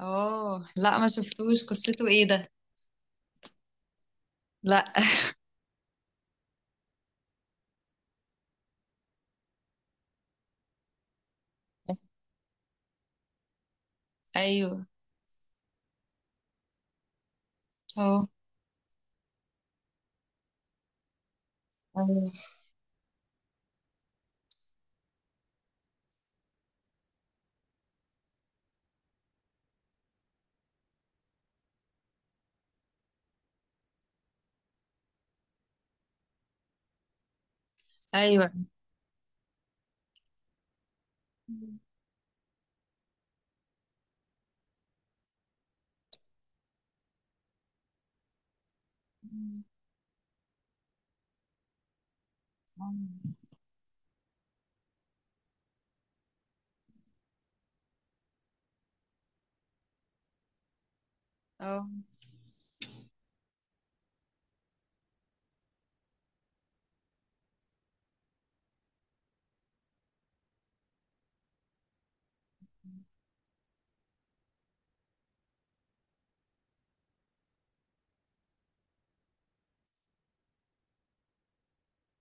اه، لا، ما شفتوش. قصته ايه ده؟ لا. ايوه. اه، ايوه، ايوه. اه،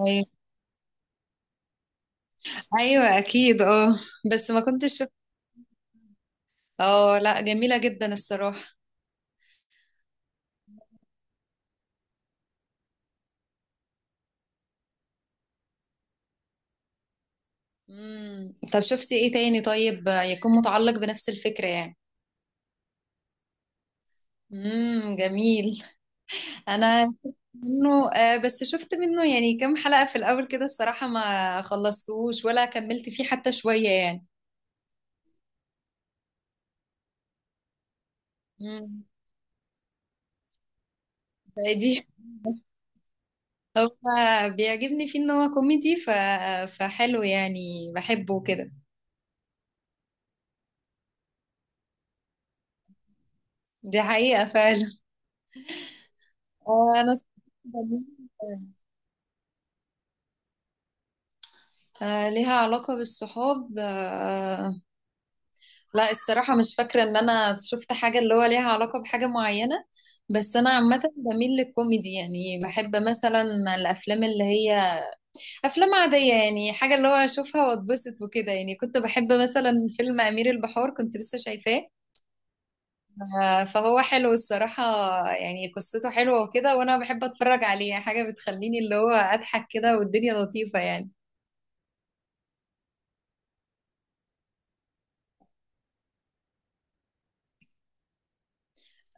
ايوه، ايوه، اكيد، اه. بس ما كنتش شفت. اه، لا، جميلة جدا الصراحة. طب شفتي ايه تاني طيب، يكون متعلق بنفس الفكرة يعني؟ جميل. انا شفت منه، بس شفت منه يعني كام حلقة في الاول كده الصراحة، ما خلصتوش ولا كملت فيه حتى شوية يعني. امم دي هو بيعجبني فيه ان هو كوميدي، فحلو يعني، بحبه كده. دي حقيقة فعلا. انا، ليها علاقة بالصحاب، لا الصراحة مش فاكرة ان انا شفت حاجة اللي هو ليها علاقة بحاجة معينة. بس انا عامة بميل للكوميدي يعني، بحب مثلا الافلام اللي هي افلام عادية يعني، حاجة اللي هو اشوفها واتبسط وكده يعني. كنت بحب مثلا فيلم امير البحار، كنت لسه شايفاه، فهو حلو الصراحة. يعني قصته حلوة وكده، وأنا بحب أتفرج عليه، حاجة بتخليني اللي هو أضحك كده، والدنيا لطيفة يعني.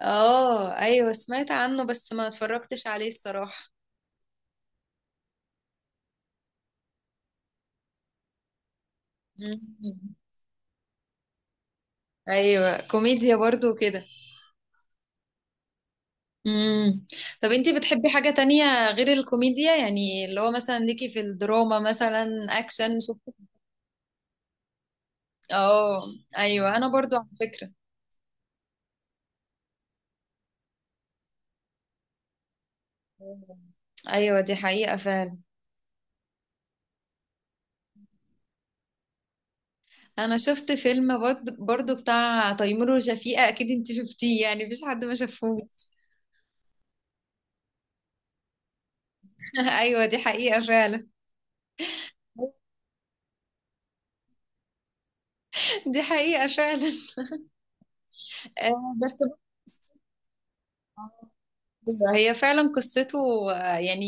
اه، أيوة سمعت عنه بس ما اتفرجتش عليه الصراحة. مم. أيوة، كوميديا برضو كده. مم. طب انتي بتحبي حاجة تانية غير الكوميديا يعني؟ اللي هو مثلا ليكي في الدراما مثلا، أكشن، شفت؟ اه، أيوة، أنا برضو على فكرة. أيوة دي حقيقة فعلا. انا شفت فيلم برضو بتاع تيمور وشفيقة، اكيد انت شفتيه يعني، مفيش حد ما شافهوش. ايوه دي حقيقة فعلا. دي حقيقة فعلا. بس أيوة، هي فعلا قصته يعني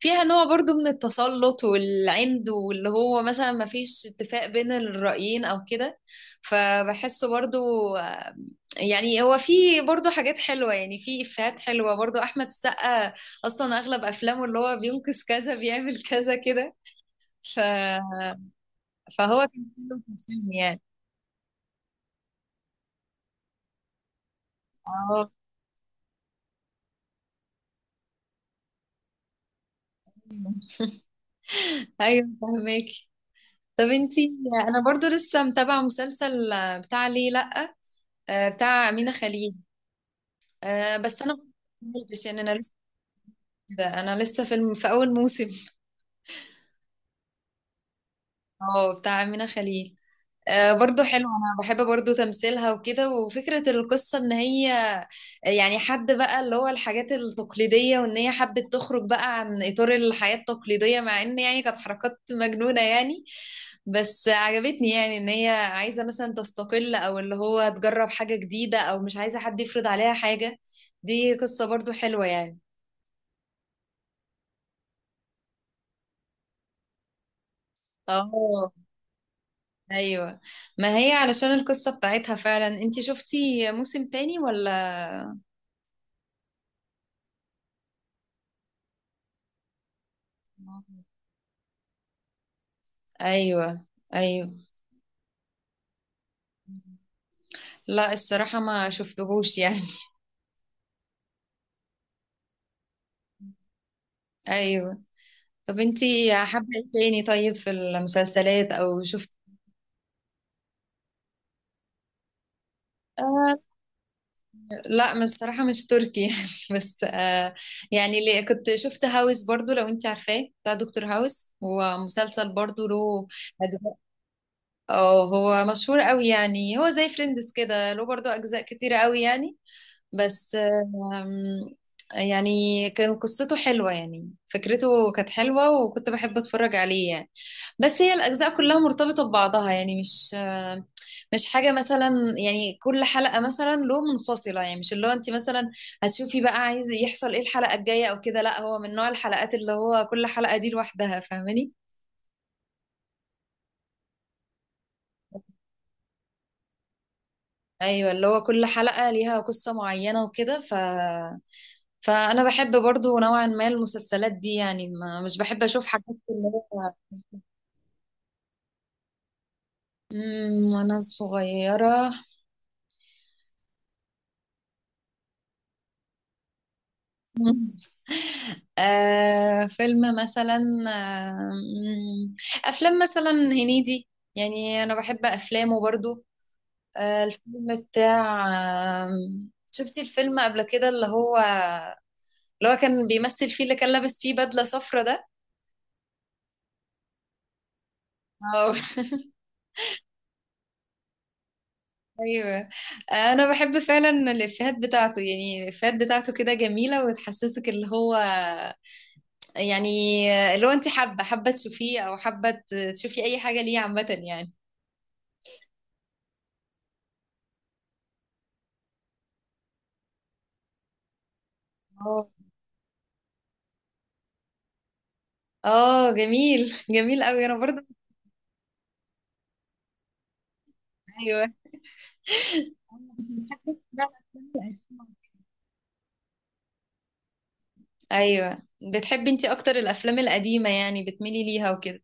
فيها نوع برضو من التسلط والعند، واللي هو مثلا ما فيش اتفاق بين الرأيين او كده، فبحسه برضو. يعني هو في برضه حاجات حلوة يعني، في إفيهات حلوة برضه. أحمد السقا أصلا أغلب أفلامه اللي هو بينقذ كذا، بيعمل كذا كده، ف... فهو كان حلو في الفيلم يعني. اه، ايوه، فهماكي. طب انتي، انا برضو لسه متابعة مسلسل بتاع ليه لأ، بتاع أمينة خليل، بس انا ما كملتش يعني، انا لسه كده، انا لسه في في اول موسم. اه، بتاع أمينة خليل. برضو حلو، انا بحب برضو تمثيلها وكده، وفكرة القصة ان هي يعني حد بقى اللي هو الحاجات التقليدية، وان هي حبت تخرج بقى عن اطار الحياة التقليدية، مع ان يعني كانت حركات مجنونة يعني، بس عجبتني يعني. ان هي عايزة مثلا تستقل، او اللي هو تجرب حاجة جديدة، او مش عايزة حد يفرض عليها حاجة، دي قصة برضو حلوة يعني. اه، ايوه، ما هي علشان القصة بتاعتها فعلا. انتي شفتي موسم تاني ولا؟ ايوه. ايوه. لا، الصراحة ما شفتهوش يعني. ايوه. طب انتي حابة ايه تاني طيب في المسلسلات او شفت؟ آه لا، مش الصراحة، مش تركي يعني، بس يعني اللي كنت شفت هاوس برضو، لو انتي عارفاه، بتاع دكتور هاوس، هو مسلسل برضو له اجزاء. اه هو مشهور قوي يعني، هو زي فريندز كده، له برضو اجزاء كتيرة قوي يعني. بس آم، يعني كان قصته حلوة يعني، فكرته كانت حلوة، وكنت بحب اتفرج عليه يعني. بس هي الأجزاء كلها مرتبطة ببعضها يعني، مش مش حاجة مثلا، يعني كل حلقة مثلا له منفصلة يعني، مش اللي هو انت مثلا هتشوفي بقى عايز يحصل ايه الحلقة الجاية او كده، لا هو من نوع الحلقات اللي هو كل حلقة دي لوحدها، فاهماني؟ ايوه، اللي هو كل حلقة ليها قصة معينة وكده، فانا بحب برضو نوعا ما المسلسلات دي يعني، ما مش بحب اشوف حاجات اللي هي وانا صغيره. مم. فيلم مثلا، آه مم، افلام مثلا هنيدي، يعني انا بحب افلامه برضو. الفيلم بتاع، آه شفتي الفيلم قبل كده؟ اللي هو كان بيمثل فيه، اللي كان لابس فيه بدله صفرا، ده؟ ايوه، انا بحب فعلا الافيهات بتاعته يعني، الافيهات بتاعته كده جميله، وتحسسك اللي هو يعني، اللي هو انت حابه تشوفيه، او حابه تشوفي اي حاجه ليه عامه يعني. اه، اه، جميل جميل قوي، انا برضه. ايوه. لا، ايوه، بتحبي انت اكتر الافلام القديمه يعني، بتميلي ليها وكده.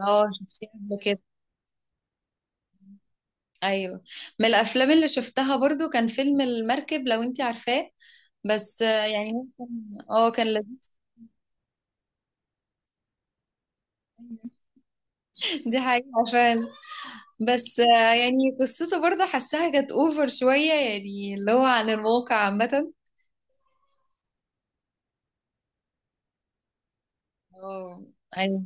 اه شفتيها قبل كده. ايوه، من الافلام اللي شفتها برضو كان فيلم المركب، لو انت عارفاه، بس يعني ممكن، اه كان لذيذ. دي حقيقة فعلًا. بس يعني قصته برضه حاسّاها كانت over شوية يعني، اللي هو عن الموقع عامةً. آه، أيوه،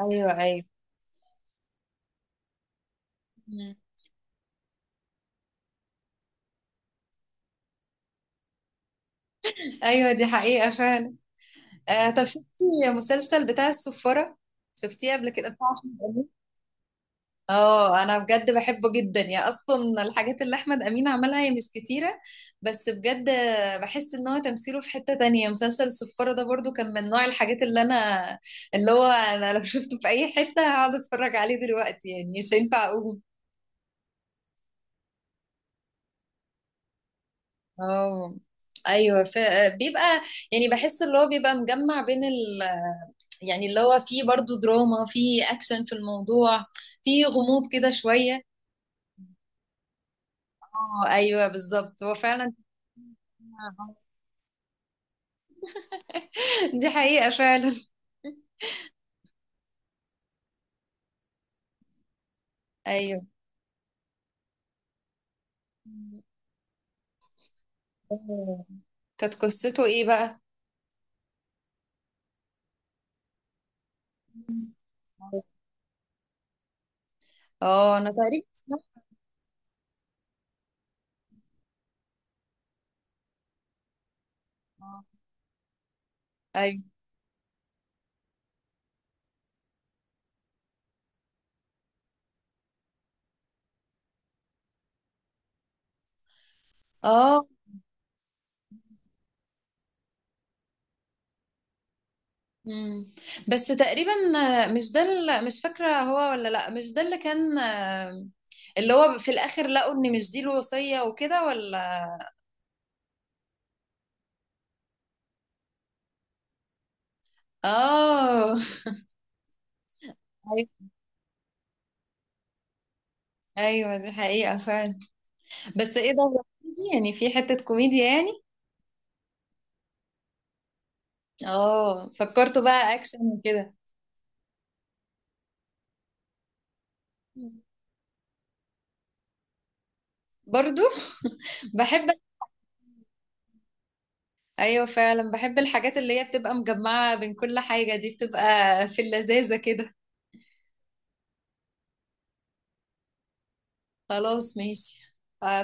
أيوه، أيوه، إمم، أيوه دي حقيقة فعلًا. طَب شُفتِ مسلسل بتاع الصفارة؟ شُفتيه قبل كده، بتاع أحمد أمين؟ اه، انا بجد بحبه جدا. يا اصلا الحاجات اللي احمد امين عملها هي مش كتيره، بس بجد بحس ان هو تمثيله في حته تانية. مسلسل السفاره ده برضو كان من نوع الحاجات اللي انا، اللي هو انا لو شفته في اي حته هقعد اتفرج عليه دلوقتي يعني، مش هينفع اقوم. اه ايوه، بيبقى، يعني بحس اللي هو بيبقى مجمع بين يعني اللي هو فيه برضو دراما، فيه اكشن في الموضوع، فيه غموض كده شويه. اه ايوه بالظبط، هو فعلا. دي حقيقة فعلا. ايوه. آه، كانت قصته ايه بقى؟ اه انا تقريبا آه، ايوه. اه. مم. بس تقريبا، مش ده مش فاكرة هو ولا لا، مش ده اللي كان، اللي هو في الاخر لقوا ان مش دي الوصية وكده ولا؟ اه. ايوه. ايوه دي حقيقة فعلا. بس ايه ده، هو كوميدي يعني، في حتة كوميديا يعني؟ اه، فكرته بقى اكشن وكده؟ برضو. بحب. ايوه فعلا بحب الحاجات اللي هي بتبقى مجمعة بين كل حاجة، دي بتبقى في اللذاذة كده. خلاص ماشي.